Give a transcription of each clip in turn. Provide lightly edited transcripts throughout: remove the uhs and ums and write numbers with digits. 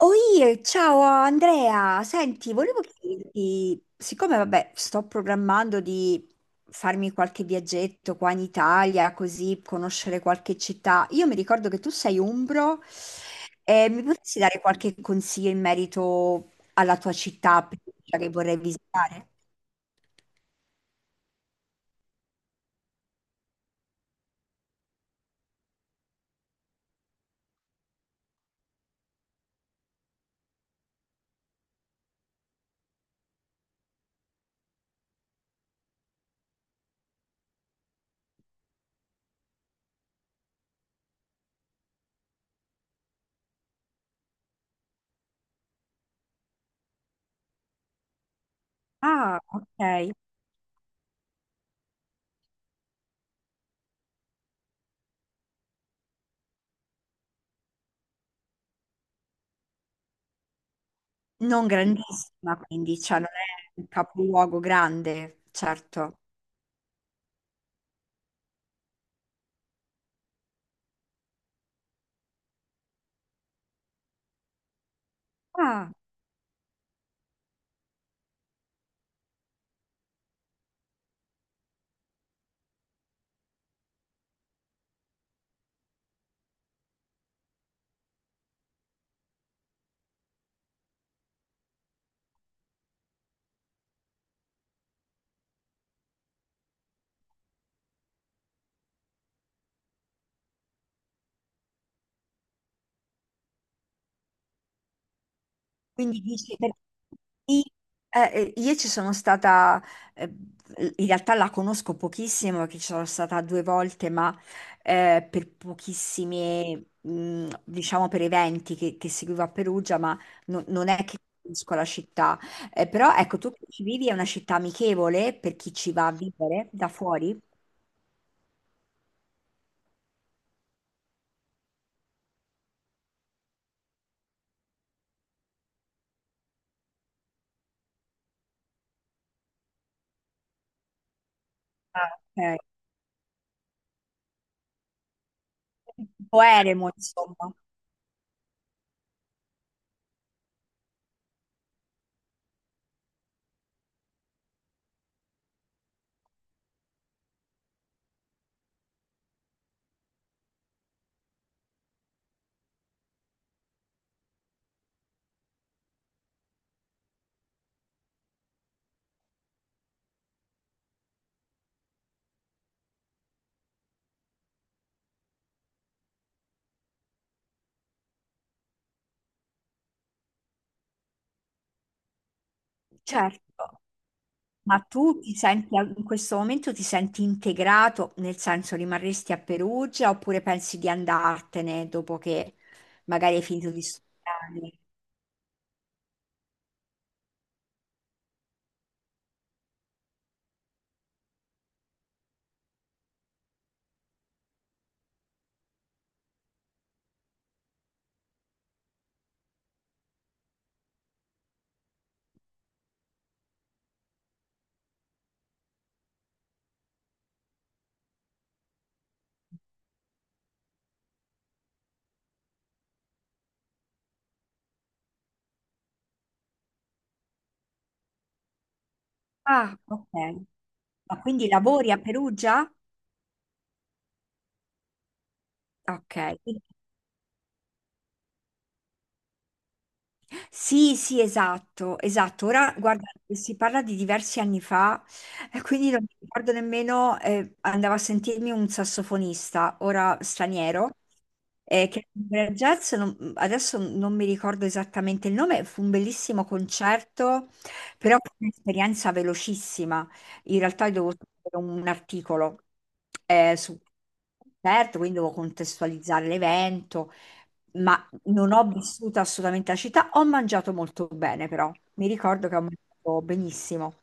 Oi, ciao Andrea, senti, volevo chiederti, siccome vabbè, sto programmando di farmi qualche viaggetto qua in Italia, così conoscere qualche città. Io mi ricordo che tu sei umbro, e mi potresti dare qualche consiglio in merito alla tua città preferita che vorrei visitare? Ah, ok. Non grandissima, quindi, cioè non è un capoluogo grande, certo. Ah. Quindi dici, perché i- io ci sono stata, eh, in realtà la conosco pochissimo, perché ci sono stata due volte, ma per pochissimi, diciamo per eventi che seguivo a Perugia, ma non è che conosco la città. Però ecco, tu che ci vivi, è una città amichevole per chi ci va a vivere da fuori? Ah, ok. Un po' eremo, insomma. Certo. Ma tu ti senti in questo momento ti senti integrato, nel senso rimarresti a Perugia oppure pensi di andartene dopo che magari hai finito di studiare? Ah, ok. Ma quindi lavori a Perugia? Ok. Sì, sì, esatto, esatto. Ora, guarda, si parla di diversi anni fa, e quindi non mi ricordo nemmeno, andavo a sentirmi un sassofonista, ora straniero, che era jazz, adesso non mi ricordo esattamente il nome, fu un bellissimo concerto, però fu un'esperienza velocissima. In realtà io dovevo scrivere un articolo su un concerto, quindi dovevo contestualizzare l'evento. Ma non ho vissuto assolutamente la città, ho mangiato molto bene però, mi ricordo che ho mangiato benissimo,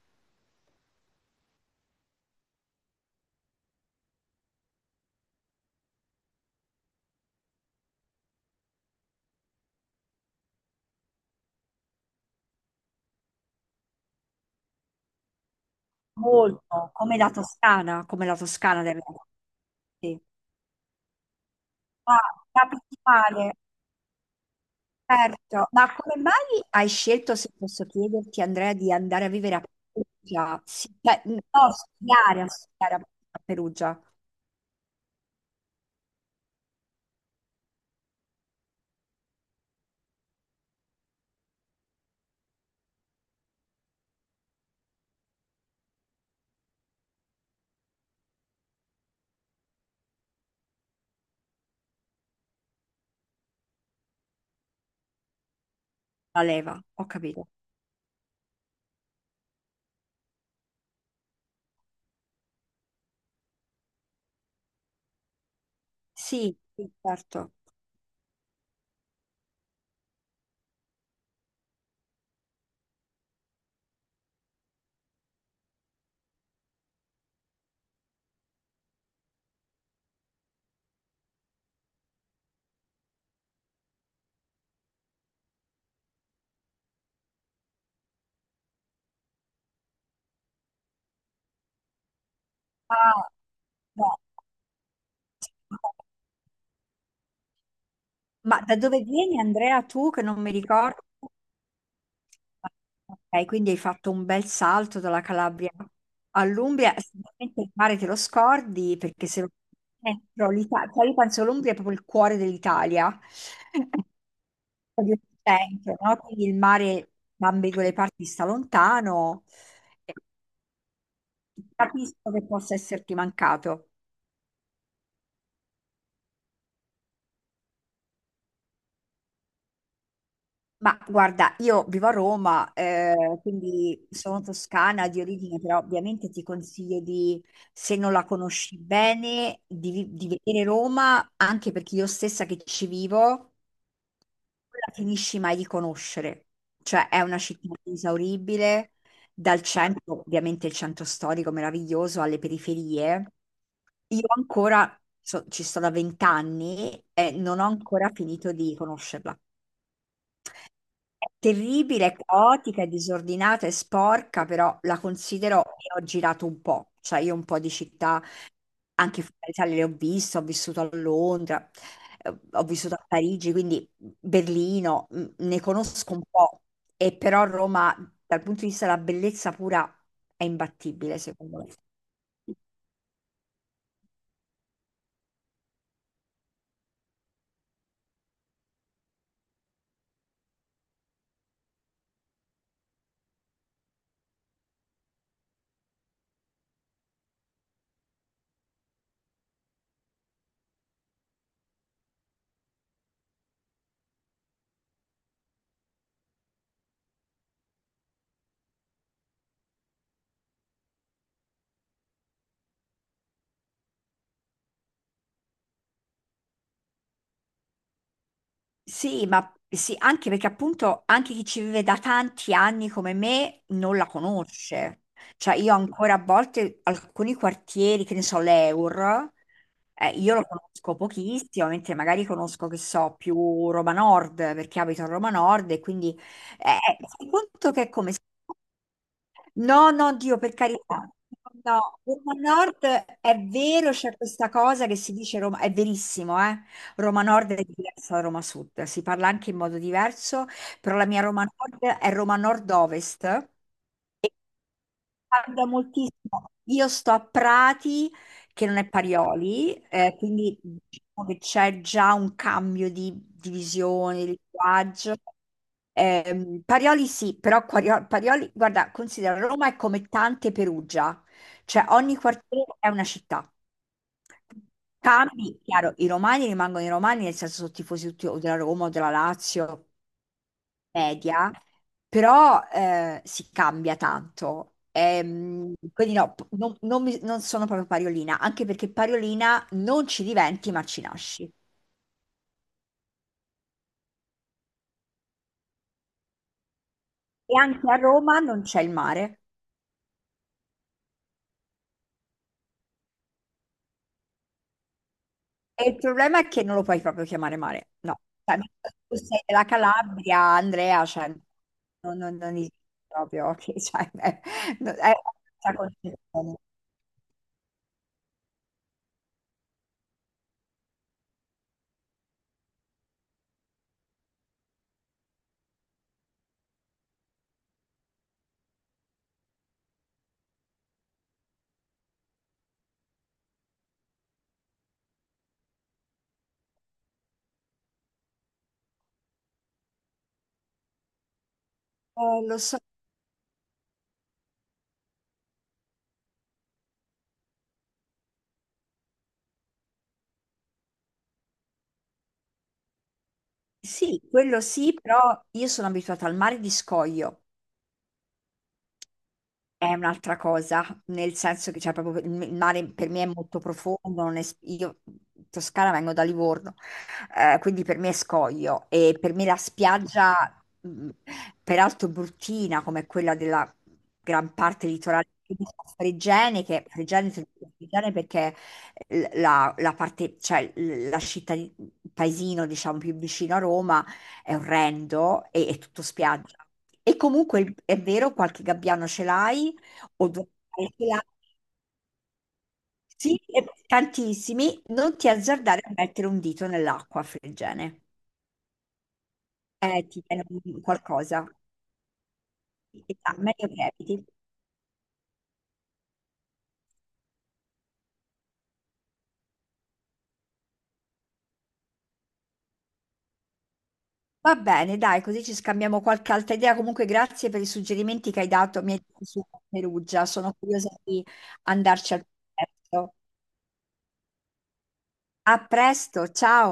molto, come la Toscana del sì. Ah, capitale, certo, ma come mai hai scelto, se posso chiederti Andrea, di andare a vivere a Perugia? Sì, cioè, no, a studiare, a studiare a Perugia, la leva, ho capito. Sì, sì, certo. Ah, no. Ma da dove vieni Andrea tu che non mi ricordo? Ok, quindi hai fatto un bel salto dalla Calabria all'Umbria. Sicuramente il mare te lo scordi perché se lo però cioè, io penso l'Umbria è proprio il cuore dell'Italia, proprio il centro, no? Quindi il mare da ambedue le parti sta lontano. Capisco che possa esserti mancato. Ma guarda, io vivo a Roma, quindi sono toscana di origine, però ovviamente ti consiglio di, se non la conosci bene, di, di vedere Roma, anche perché io stessa che ci vivo, non la finisci mai di conoscere. Cioè è una città inesauribile, dal centro, ovviamente il centro storico meraviglioso, alle periferie. Io ancora, ci sto da 20 anni e non ho ancora finito di conoscerla. Terribile, è caotica, è disordinata, è sporca, però la considero e ho girato un po', cioè io un po' di città, anche fuori dall'Italia le ho viste, ho vissuto a Londra, ho vissuto a Parigi, quindi Berlino, ne conosco un po', e però Roma dal punto di vista della bellezza pura è imbattibile secondo me. Sì, ma sì, anche perché appunto anche chi ci vive da tanti anni come me non la conosce. Cioè io ancora a volte alcuni quartieri, che ne so, l'Eur, io lo conosco pochissimo, mentre magari conosco, che so, più Roma Nord, perché abito a Roma Nord e quindi fai conto che è come se. No, no, Dio, per carità. No, Roma Nord è vero, c'è questa cosa che si dice Roma, è verissimo, eh? Roma Nord è diversa da Roma Sud, si parla anche in modo diverso, però la mia Roma Nord è Roma Nord-Ovest. Cambia moltissimo. Io sto a Prati, che non è Parioli, quindi diciamo che c'è già un cambio di visione, di linguaggio. Parioli sì, però Parioli, guarda, considera Roma è come tante Perugia, cioè ogni quartiere è una città. Cambi, chiaro, i romani rimangono i romani, nel senso sono tifosi tutti o della Roma o della Lazio, media, però si cambia tanto. Quindi no, non, non sono proprio Pariolina, anche perché Pariolina non ci diventi, ma ci nasci. E anche a Roma non c'è il mare. E il problema è che non lo puoi proprio chiamare mare. No, cioè, tu sei della Calabria, Andrea, cioè, non, non, non esiste proprio, cioè, è, no, è una concezione. Lo so, sì, quello sì, però io sono abituata al mare di scoglio. È un'altra cosa, nel senso che c'è proprio il mare, per me è molto profondo, non es- io in Toscana vengo da Livorno, quindi per me è scoglio e per me la spiaggia, mh, peraltro bruttina come quella della gran parte litorale di Fregene, che Fregene, se non Fregene perché la, la parte, cioè la città, il paesino diciamo più vicino a Roma è orrendo e è tutto spiaggia. E comunque è vero, qualche gabbiano ce l'hai, o due calcolare. Sì, e tantissimi, non ti azzardare a mettere un dito nell'acqua friggene. Ti viene qualcosa. Ah, meglio eviti. Va bene, dai, così ci scambiamo qualche altra idea. Comunque, grazie per i suggerimenti che hai dato, mi hai dato su Perugia. Sono curiosa di andarci al presto. A presto, ciao!